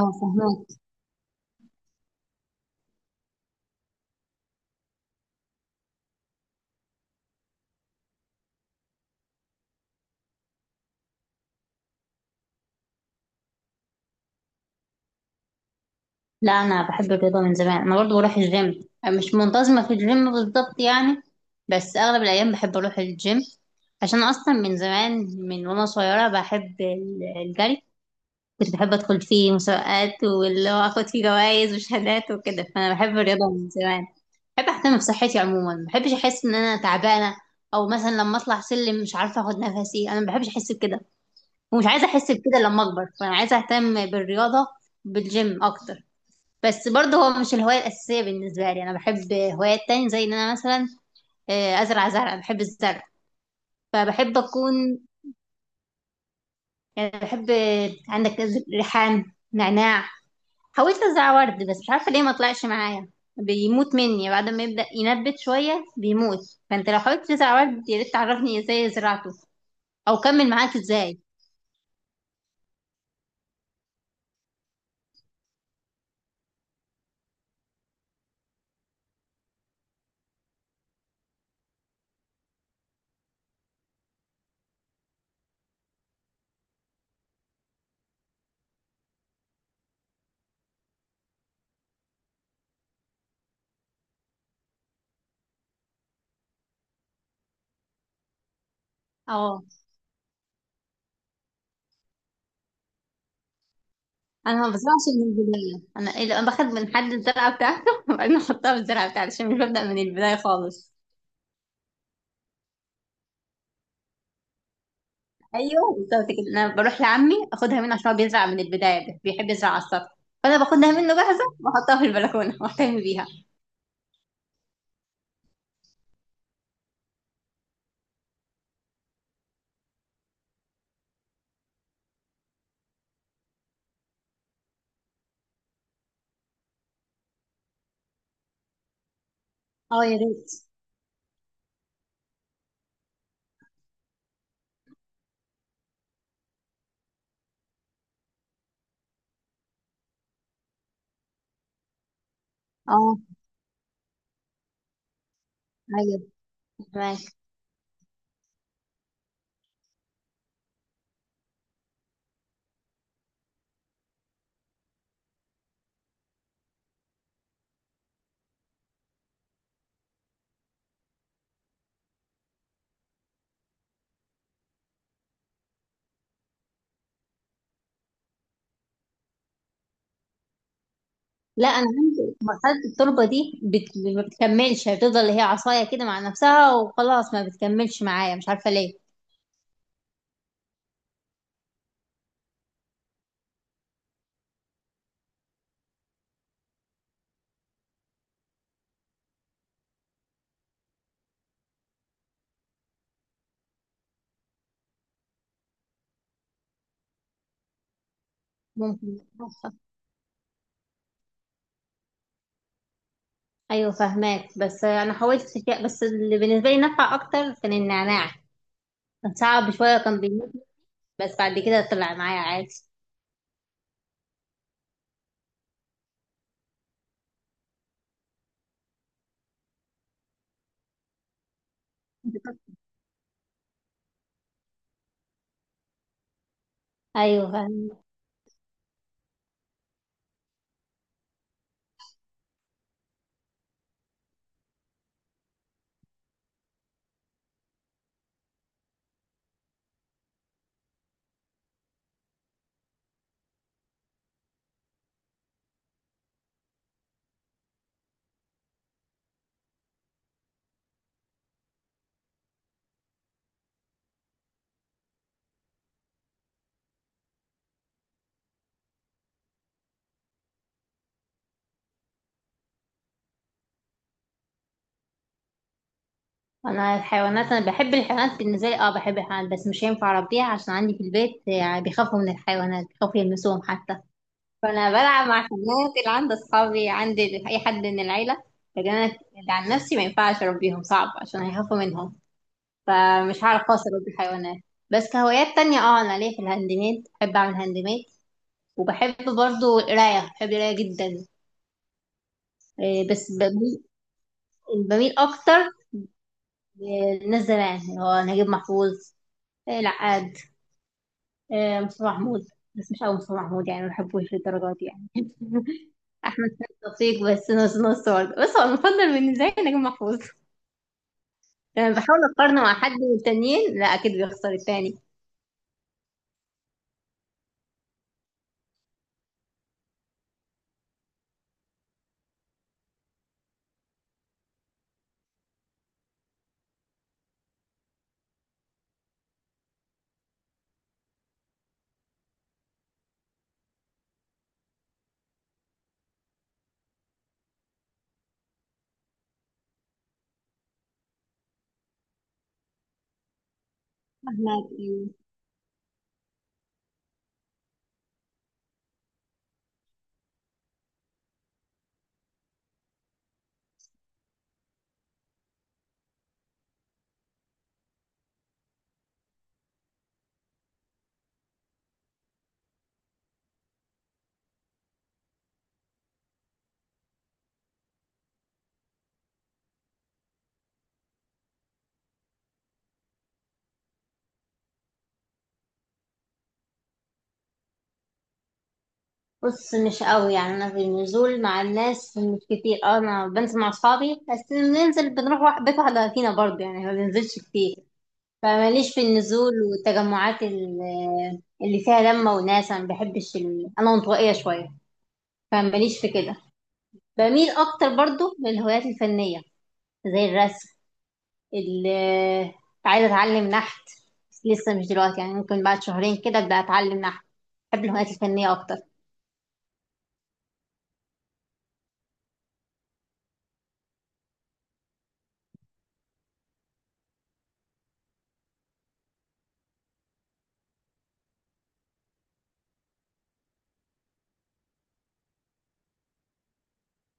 اه، فهمت. لا، انا بحب الرياضه من زمان. انا برضو بروح الجيم، مش منتظمه في الجيم بالظبط يعني، بس اغلب الايام بحب اروح الجيم عشان اصلا من زمان، من وانا صغيره بحب الجري. كنت بحب ادخل فيه مسابقات واللي هو اخد فيه جوائز وشهادات وكده، فانا بحب الرياضه من زمان. بحب اهتم بصحتي عموما، ما بحبش احس ان انا تعبانه، او مثلا لما اطلع سلم مش عارفه اخد نفسي، انا ما بحبش احس بكده، ومش عايزه احس بكده لما اكبر، فانا عايزه اهتم بالرياضه، بالجيم اكتر. بس برضه هو مش الهواية الأساسية بالنسبة لي، أنا بحب هوايات تانية زي إن أنا مثلا أزرع زرع. بحب الزرع، فبحب أكون يعني بحب، عندك ريحان، نعناع. حاولت أزرع ورد بس مش عارفة ليه ما طلعش معايا، بيموت مني بعد ما يبدأ ينبت شوية بيموت. فأنت لو حاولت تزرع ورد يا ريت تعرفني إزاي زرعته أو كمل معاك إزاي. اه، انا ما بزرعش من البدايه، انا باخد من حد الزرعه بتاعته وبعدين احطها في الزرعه بتاعتي عشان مش ببدا من البدايه خالص. ايوه بالظبط كده، انا بروح لعمي اخدها منه عشان هو بيزرع من البدايه، ده بيحب يزرع على السطح، فانا باخدها منه جاهزه واحطها في البلكونه واهتم بيها. اه، يا ريت. اه، ايوه فهمك. لا، انا عندي مرحله التربه دي ما بتكملش، هي بتفضل هي عصايه كده مع نفسها وخلاص، ما بتكملش معايا مش عارفه ليه. ممكن، عارفة. ايوه فهماك، بس انا حاولت بس اللي بالنسبه لي نفع اكتر كان النعناع، كان صعب شويه كان بيموت، بس بعد كده طلع معايا عادي. ايوه فهماك. انا الحيوانات، انا بحب الحيوانات، بالنسبه لي اه بحب الحيوانات، بس مش هينفع اربيها عشان عندي في البيت يعني بيخافوا من الحيوانات، بيخافوا يلمسوهم حتى، فانا بلعب مع الحيوانات اللي عند اصحابي، عند اي حد من العيله. لكن انا اللي عن نفسي ما ينفعش اربيهم، صعب عشان هيخافوا منهم، فمش هعرف خالص اربي الحيوانات. بس كهوايات تانية، اه انا ليا في الهاند ميد، بحب اعمل هاند ميد، وبحب برضو القرايه، بحب القرايه جدا. بس بميل اكتر للناس زمان اللي هو نجيب محفوظ، العقاد، مصطفى محمود. بس مش قوي مصطفى محمود يعني ما بحبوش للدرجات دي يعني احمد سعد لطيف بس نص نص برضه، بس هو المفضل بالنسبه لي نجم محفوظ. لما بحاول اقارنه مع حد من التانيين لا اكيد بيخسر التاني. أحمد إيه؟ بص، مش قوي يعني، انا في النزول مع الناس مش كتير. اه انا بنزل مع اصحابي، بس بننزل بنروح واحد بيت واحده فينا برضه يعني، ما بننزلش كتير. فماليش في النزول والتجمعات اللي فيها لمه وناس، انا ما بحبش انا انطوائيه شويه، فماليش في كده. بميل اكتر برضو للهوايات الفنيه زي الرسم. اللي عايزه اتعلم نحت، بس لسه مش دلوقتي يعني ممكن بعد شهرين كده ابدا اتعلم نحت. بحب الهوايات الفنيه اكتر.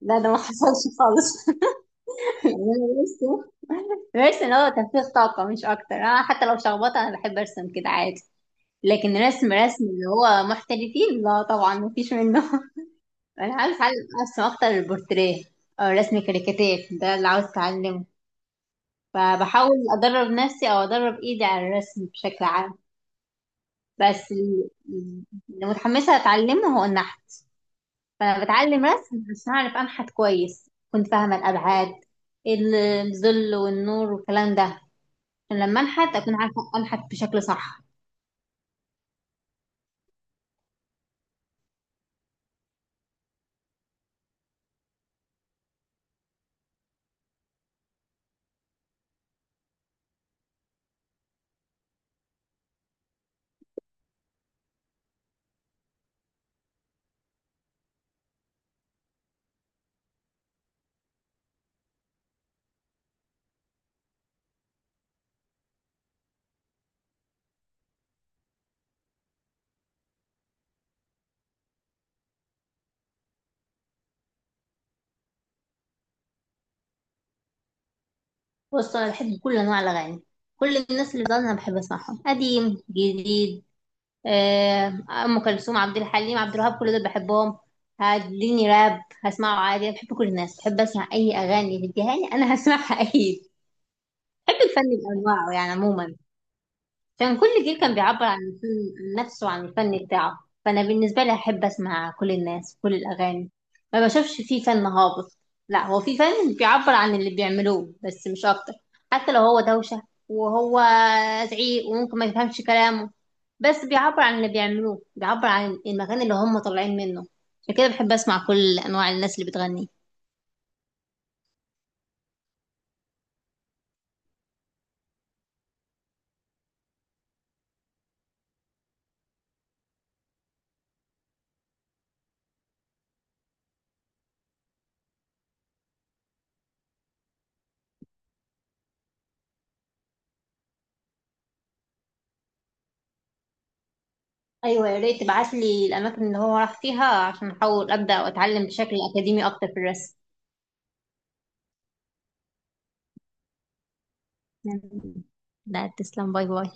لا، ده ما حصلش خالص يعني انا برسم، برسم هو تنفيذ طاقه مش اكتر. انا حتى لو شخبطه انا بحب ارسم كده عادي. لكن رسم رسم اللي هو محترفين لا طبعا مفيش منه انا عاوز اتعلم ارسم اكتر البورتريه، او رسم كاريكاتير، ده اللي عاوز اتعلمه. فبحاول أدرب نفسي أو أدرب إيدي على الرسم بشكل عام. بس اللي متحمسة أتعلمه هو النحت. فأنا بتعلم رسم عشان أعرف أنحت كويس، كنت فاهمة الأبعاد، الظل والنور والكلام ده، عشان لما أنحت أكون عارفة أنحت بشكل صح. بص، أنا بحب كل أنواع الأغاني، كل الناس اللي بتغني أنا بحب أسمعهم، قديم جديد، ام كلثوم، عبد الحليم، عبد الوهاب، كل دول بحبهم. هتديني راب هسمعه عادي، بحب كل الناس، بحب اسمع اي اغاني تديها لي انا هسمعها اكيد. بحب الفن بانواعه يعني عموما. كان كل جيل كان بيعبر عن عن نفسه وعن الفن بتاعه. فانا بالنسبه لي احب اسمع كل الناس كل الاغاني، ما بشوفش فيه فن هابط، لا هو في فن بيعبر عن اللي بيعملوه بس مش اكتر. حتى لو هو دوشه وهو زعيق وممكن ما يفهمش كلامه، بس بيعبر عن اللي بيعملوه، بيعبر عن المكان اللي هم طالعين منه. عشان كده بحب اسمع كل انواع الناس اللي بتغني. ايوه، يا ريت تبعت لي الاماكن اللي هو راح فيها عشان احاول ابدا واتعلم بشكل اكاديمي اكتر في الرسم. لا، تسلم. باي باي.